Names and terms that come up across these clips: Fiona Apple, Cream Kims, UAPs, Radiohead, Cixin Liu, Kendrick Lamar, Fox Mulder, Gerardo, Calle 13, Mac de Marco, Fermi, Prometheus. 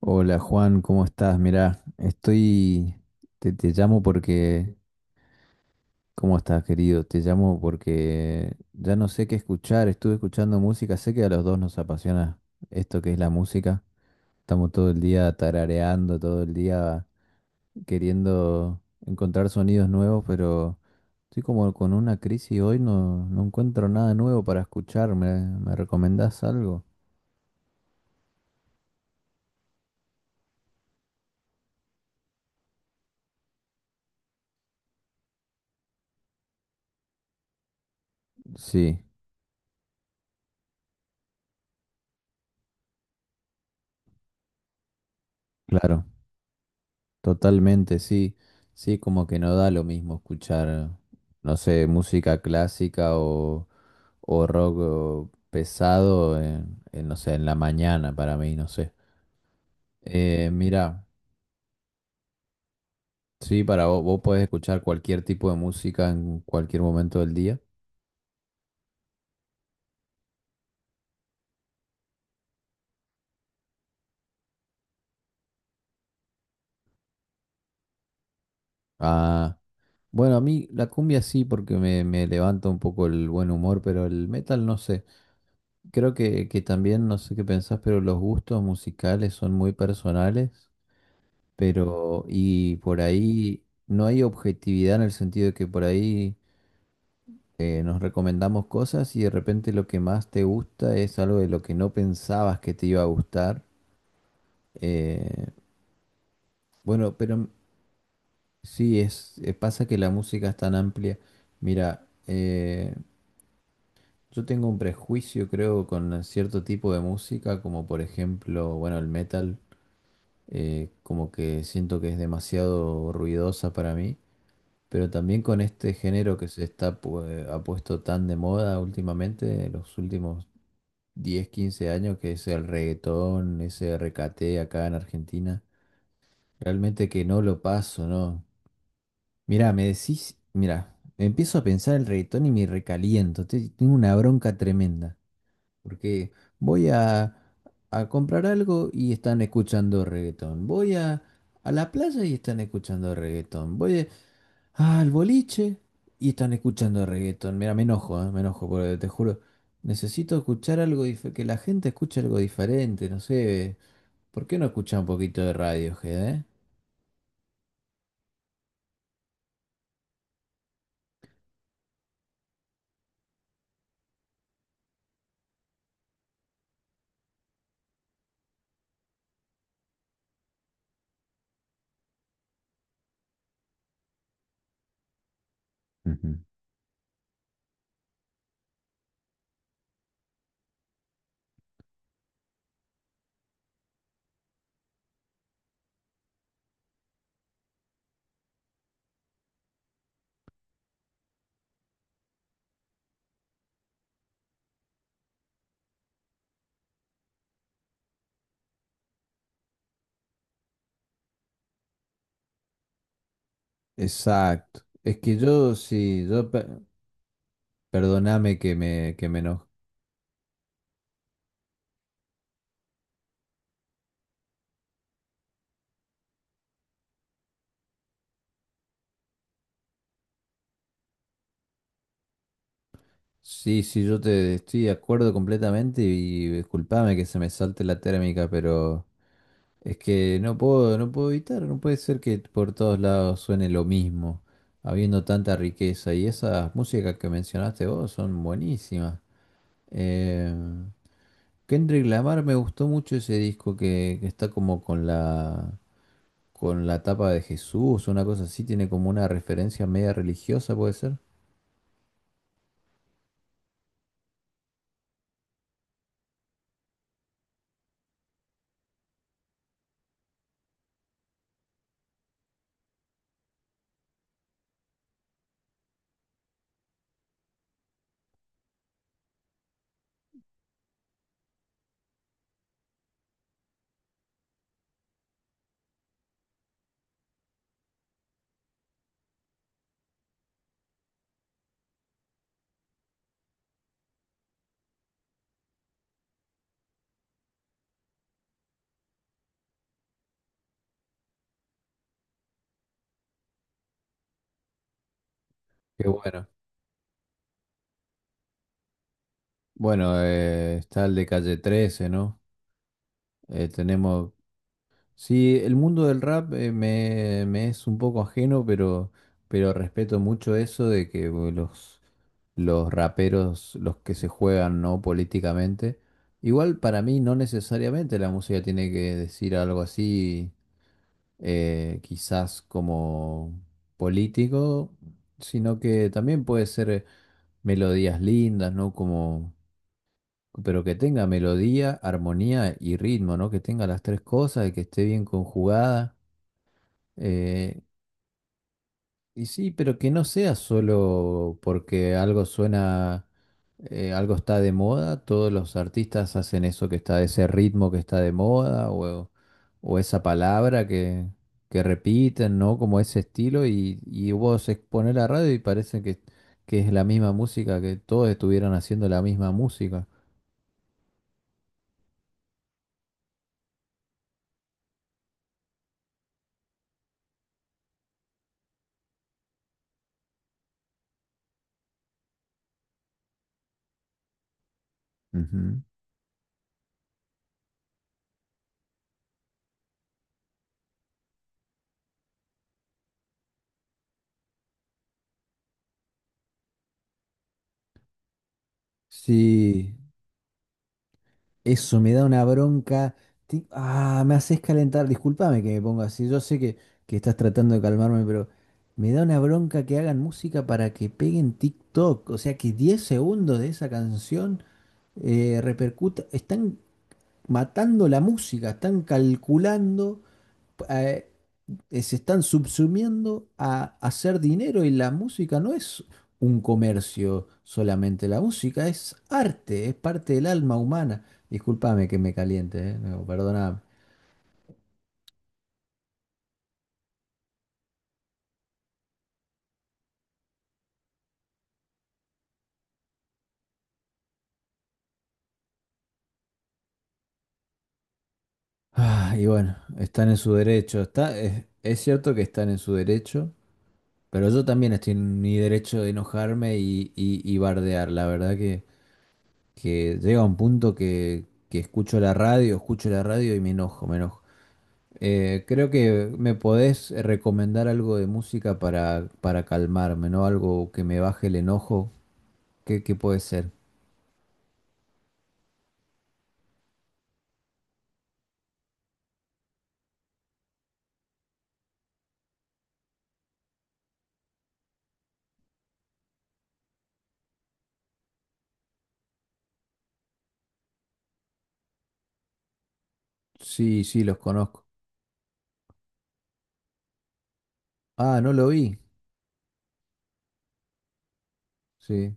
Hola Juan, ¿cómo estás? Mirá, estoy, te llamo porque, ¿cómo estás querido? Te llamo porque ya no sé qué escuchar, estuve escuchando música, sé que a los dos nos apasiona esto que es la música, estamos todo el día tarareando, todo el día queriendo encontrar sonidos nuevos, pero estoy como con una crisis hoy, no, no encuentro nada nuevo para escuchar, ¿me recomendás algo? Sí, claro. Totalmente, sí. Sí, como que no da lo mismo escuchar, no sé, música clásica o rock o pesado en, no sé, en la mañana para mí, no sé. Mira, sí, para vos, vos podés escuchar cualquier tipo de música en cualquier momento del día. Ah, bueno, a mí la cumbia sí, porque me levanta un poco el buen humor, pero el metal no sé. Creo que también, no sé qué pensás, pero los gustos musicales son muy personales. Pero, y por ahí no hay objetividad en el sentido de que por ahí nos recomendamos cosas y de repente lo que más te gusta es algo de lo que no pensabas que te iba a gustar. Eh, bueno, pero sí, es, pasa que la música es tan amplia. Mira, yo tengo un prejuicio, creo, con cierto tipo de música, como por ejemplo, bueno, el metal, como que siento que es demasiado ruidosa para mí. Pero también con este género que se está ha puesto tan de moda últimamente, en los últimos 10 15 años, que es el reggaetón, ese recate acá en Argentina, realmente que no lo paso, ¿no? Mirá, me decís, mirá, empiezo a pensar el reggaetón y me recaliento, tengo una bronca tremenda, porque voy a, comprar algo y están escuchando reggaetón, voy a la playa y están escuchando reggaetón, voy a... Ah, el boliche. Y están escuchando reggaetón. Mira, me enojo, me enojo, porque te juro. Necesito escuchar algo que la gente escuche algo diferente, no sé. ¿Por qué no escuchar un poquito de Radiohead, eh? Ujú. Exacto. Es que yo, sí, yo, perdóname que me enojo. Sí, sí, yo te estoy de acuerdo completamente y disculpame que se me salte la térmica, pero es que no puedo, no puedo evitar, no puede ser que por todos lados suene lo mismo, habiendo tanta riqueza. Y esas músicas que mencionaste vos son buenísimas. Eh, Kendrick Lamar me gustó mucho ese disco que está como con la tapa de Jesús, una cosa así, tiene como una referencia media religiosa, puede ser. Qué bueno. Bueno, está el de Calle 13, ¿no? Tenemos Sí, el mundo del rap, me es un poco ajeno, pero respeto mucho eso de que bueno, los raperos, los que se juegan, ¿no? Políticamente. Igual para mí no necesariamente la música tiene que decir algo así, quizás como político, sino que también puede ser melodías lindas, ¿no? Como, pero que tenga melodía, armonía y ritmo, ¿no? Que tenga las tres cosas y que esté bien conjugada. Eh, y sí, pero que no sea solo porque algo suena, algo está de moda, todos los artistas hacen eso que está, ese ritmo que está de moda o esa palabra que repiten, ¿no? Como ese estilo y vos exponés la radio y parece que es la misma música, que todos estuvieran haciendo la misma música. Ujú. Sí, eso me da una bronca. Ah, me haces calentar. Discúlpame que me ponga así. Yo sé que estás tratando de calmarme, pero me da una bronca que hagan música para que peguen TikTok. O sea, que 10 segundos de esa canción repercuta. Están matando la música, están calculando. eh, se están subsumiendo a hacer dinero y la música no es un comercio solamente, la música es arte, es parte del alma humana. Discúlpame que me caliente, no, perdóname. Ah, y bueno, están en su derecho, está, es cierto que están en su derecho, pero yo también estoy en mi derecho de enojarme y bardear. La verdad que llega un punto que escucho la radio y me enojo, me enojo. Creo que me podés recomendar algo de música para calmarme, ¿no? Algo que me baje el enojo. ¿Qué puede ser? Sí, sí, los conozco. Ah, no lo vi. Sí,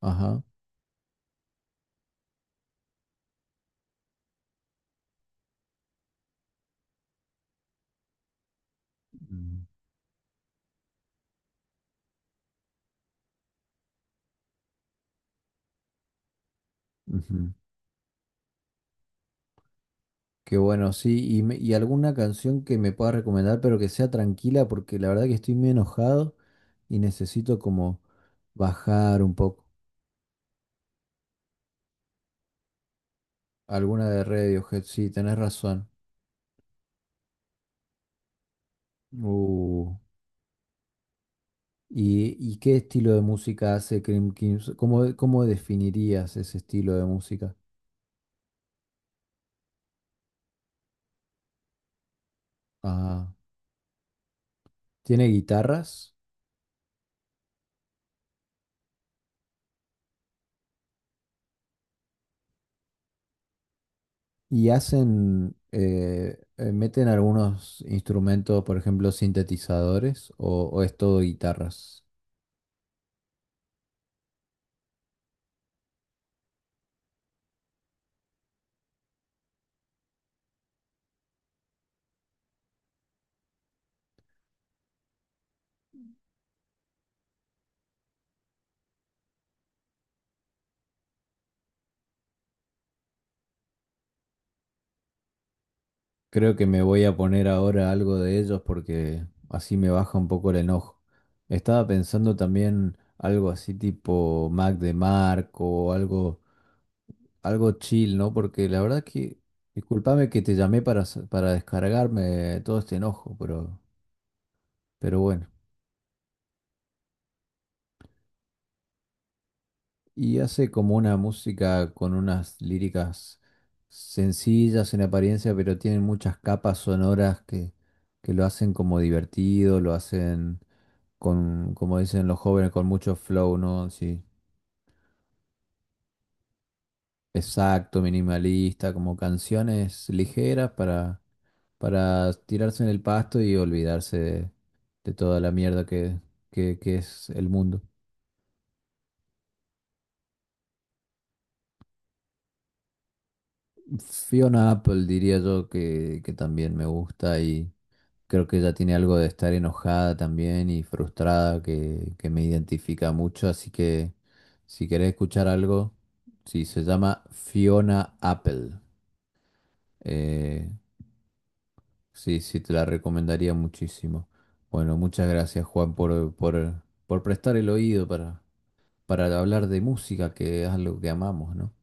ajá. Mm, ujú. Qué bueno, sí. Y, y alguna canción que me pueda recomendar, pero que sea tranquila, porque la verdad que estoy muy enojado y necesito como bajar un poco. Alguna de Radiohead, sí, tenés razón. Uh. Y qué estilo de música hace Cream Kims? ¿Cómo definirías ese estilo de música? Ah, tiene guitarras y hacen, meten algunos instrumentos, por ejemplo, sintetizadores o es todo guitarras. Creo que me voy a poner ahora algo de ellos porque así me baja un poco el enojo. Estaba pensando también algo así tipo Mac de Marco o algo algo chill, ¿no? Porque la verdad que, discúlpame que te llamé para, para descargarme todo este enojo, pero, bueno. Y hace como una música con unas líricas sencillas en apariencia, pero tienen muchas capas sonoras que lo hacen como divertido, lo hacen con, como dicen los jóvenes, con mucho flow, ¿no? Sí, exacto, minimalista, como canciones ligeras para tirarse en el pasto y olvidarse de toda la mierda que, que es el mundo. Fiona Apple diría yo que también me gusta y creo que ella tiene algo de estar enojada también y frustrada que me identifica mucho, así que si querés escuchar algo, sí, se llama Fiona Apple. Eh, Sí, sí, te la recomendaría muchísimo. Bueno, muchas gracias, Juan, por prestar el oído para hablar de música, que es algo que amamos, ¿no?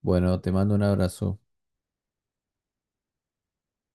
Bueno, te mando un abrazo.